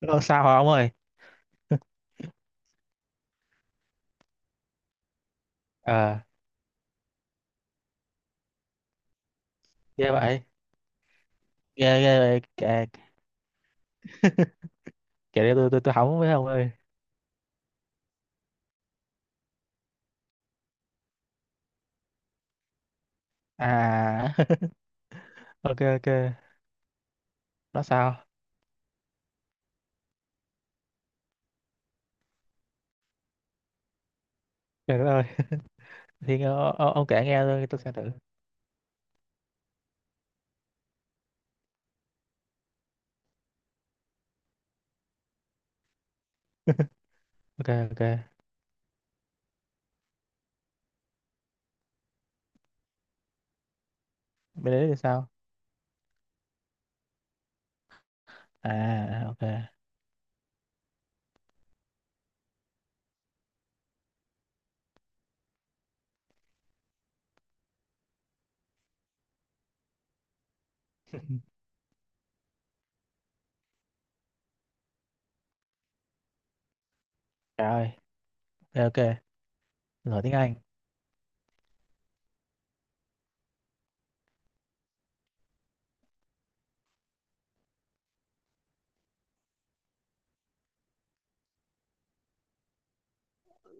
Nó sao hả ông ơi? Ờ. Ghê vậy. Ghê ghê vậy, kể. Kể để tôi hóng với ông ơi. À. ok, ok. Nó sao? Trời đất ơi. thì ông kể nghe thôi, tôi sẽ thử. ok, ok. Bên đấy thì sao? À, à, ok. trời ơi. Ok, ok. Giỏi tiếng Anh.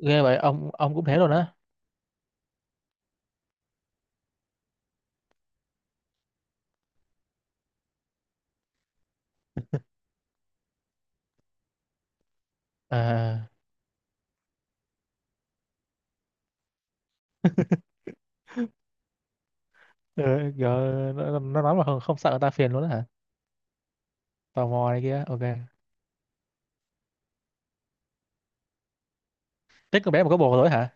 Ghê vậy, ông cũng thế luôn á? À. ừ, giờ nó nói mà không sợ người ta phiền luôn á hả? Tò mò này kia, ok. Thích con bé mà có bồ rồi hả?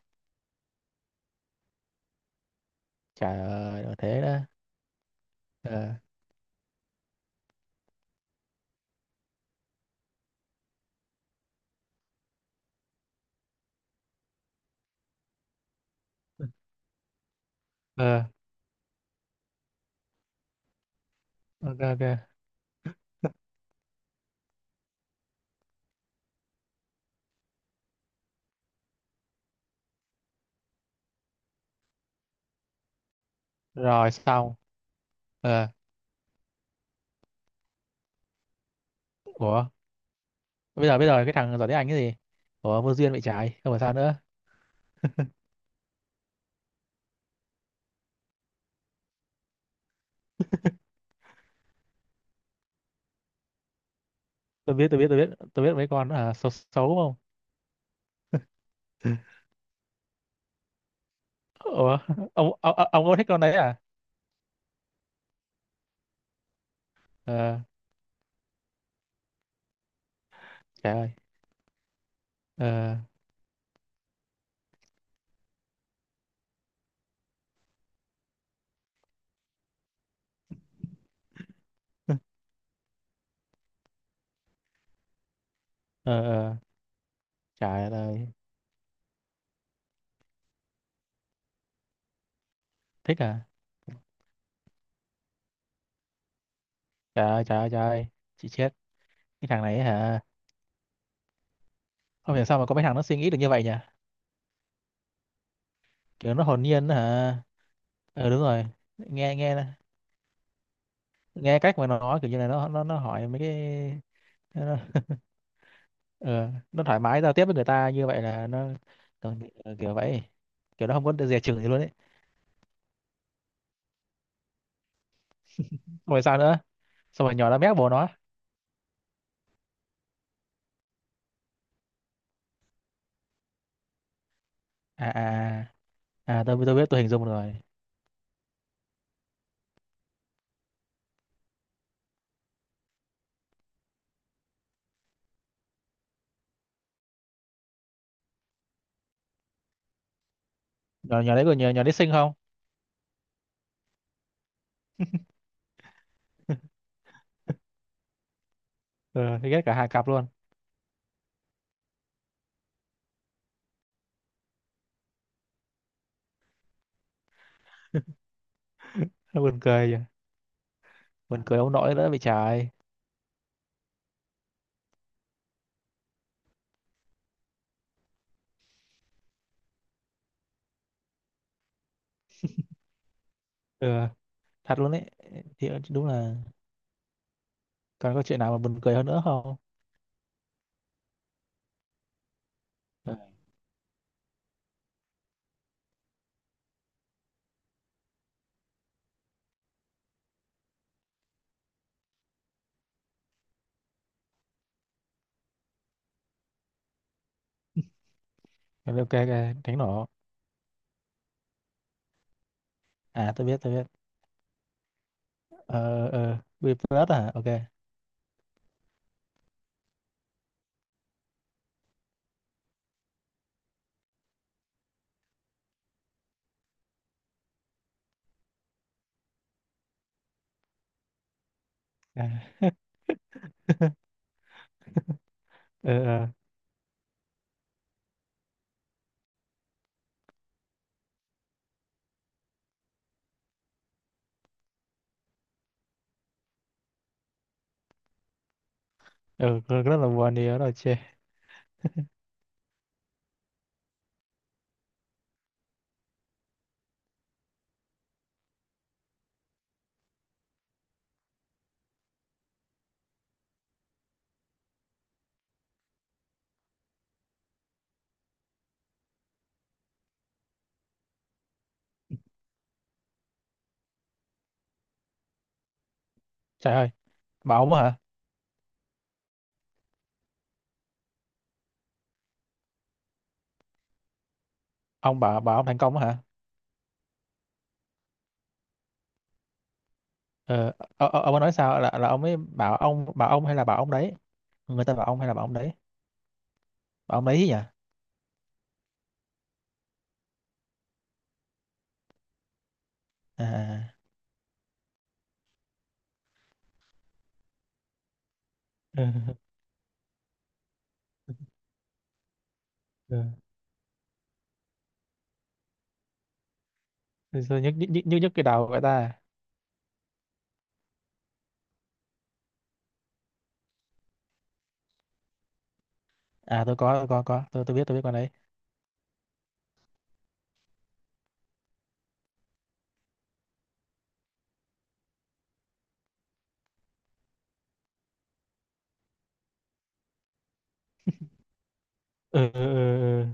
Trời ơi thế đó. Ờ. Ờ, ok, ok, rồi xong, ờ. Ủa, bây giờ cái thằng giỏi tiếng Anh cái gì? Ủa, vô duyên vậy, trái không phải sao nữa. Tôi biết, tôi biết, tôi biết, tôi biết, mấy con xấu xấu đúng không? Ủa, ông có thích con đấy à? Ờ. Trời ơi. Ờ, ờ, ờ. Trời ơi. Thích à? Trời ơi, trời ơi, trời ơi. Chị chết. Cái thằng này hả? Không hiểu sao mà có mấy thằng nó suy nghĩ được như vậy nhỉ. Kiểu nó hồn nhiên hả? Ờ, đúng rồi. Nghe, nghe. Nghe cách mà nó nói, kiểu như là nó hỏi mấy cái. Nó. Ờ, nó thoải mái giao tiếp với người ta như vậy là nó còn kiểu vậy. Kiểu nó không có được dè chừng gì luôn ấy. Xong rồi sao nữa? Xong rồi nhỏ nó mép bố nó. À, à, à, tôi biết, tôi hình dung rồi. Nhỏ nhỏ đấy, còn nhỏ nhỏ đấy xinh không? Ừ, thì ghét cả hai cặp luôn. Nó buồn cười kìa. Buồn cười ông nội nữa bị trời. Ừ, thật luôn đấy. Thì đúng là. Còn có chuyện nào mà buồn cười hơn nữa không? Ừ, ok, ok. Tránh nổ. À, tôi biết, tôi biết. Ờ, ờ, we plus, à, ok. À. ờ, ờ. Ừ, rất là buồn đi đó rồi chê. Trời ơi, bà ông á hả? Ông bảo bảo ông thành công á hả? Ờ, ờ, ờ, ông ấy nói sao, là ông ấy bảo ông, bảo ông hay là bảo ông đấy? Người ta bảo ông hay là bảo ông đấy? Bảo ông đấy nhỉ? À, ừ, ừ. Rồi sao, nhức, nhức, nhức, nhức, nhức cái đầu của người ta. À, tôi có, tôi có, tôi biết, tôi biết con đấy. Ừ, ừ, ừ. Ừ.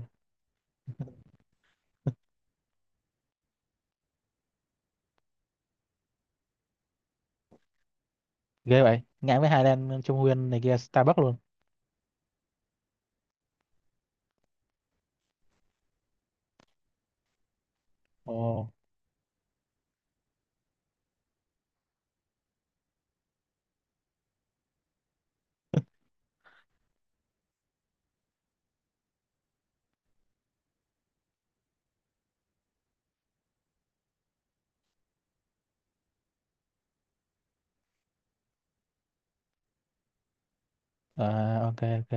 Ghê vậy, ngang với Highland Trung Nguyên này kia Starbucks luôn. Ồ. À, ok, ok.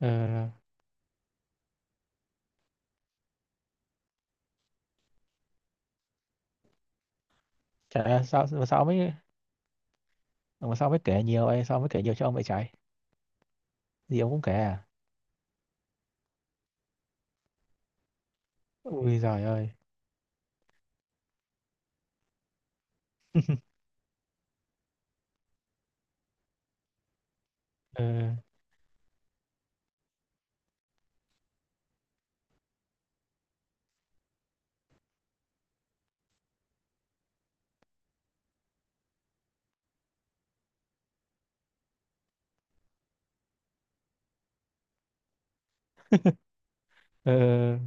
Ừ. Chả, sao, sao mà sao ông, mà sao mới kể nhiều vậy, sao mới kể nhiều cho ông vậy trời? Gì ông cũng kể à? Ui giời ơi. Ừ. Ừ.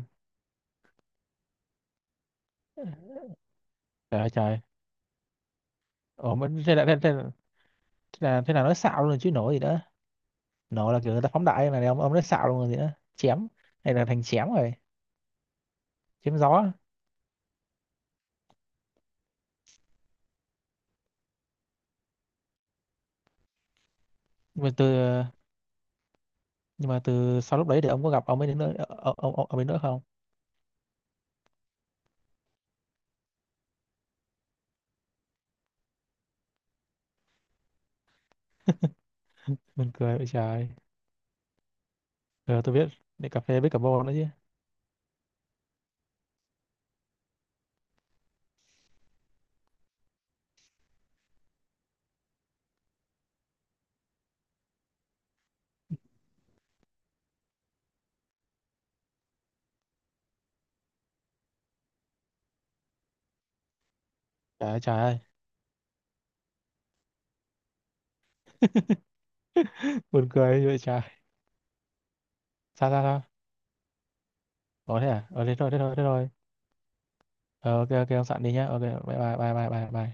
Trời ơi, trời. Ủa, mà thế là nói xạo luôn rồi chứ nổ gì nữa? Nổ là kiểu người ta phóng đại, mà ông nói xạo luôn rồi gì nữa, chém. Hay là thành chém rồi. Chém gió. Nhưng mà từ nhưng mà từ sau lúc đấy thì ông có gặp ông ấy đến nữa, ông ấy nữa không? Mình cười, ôi trời. Ờ, tôi biết. Để cà phê với cà bô nữa chứ. Trời ơi, trời ơi. buồn cười vậy trời. Sao, sao, sao? Ủa thế à? Ờ, thế thôi, thế thôi, thế thôi. Ờ, ok, ok, ông soạn đi nhá, ok, bye bye, bye bye, bye bye.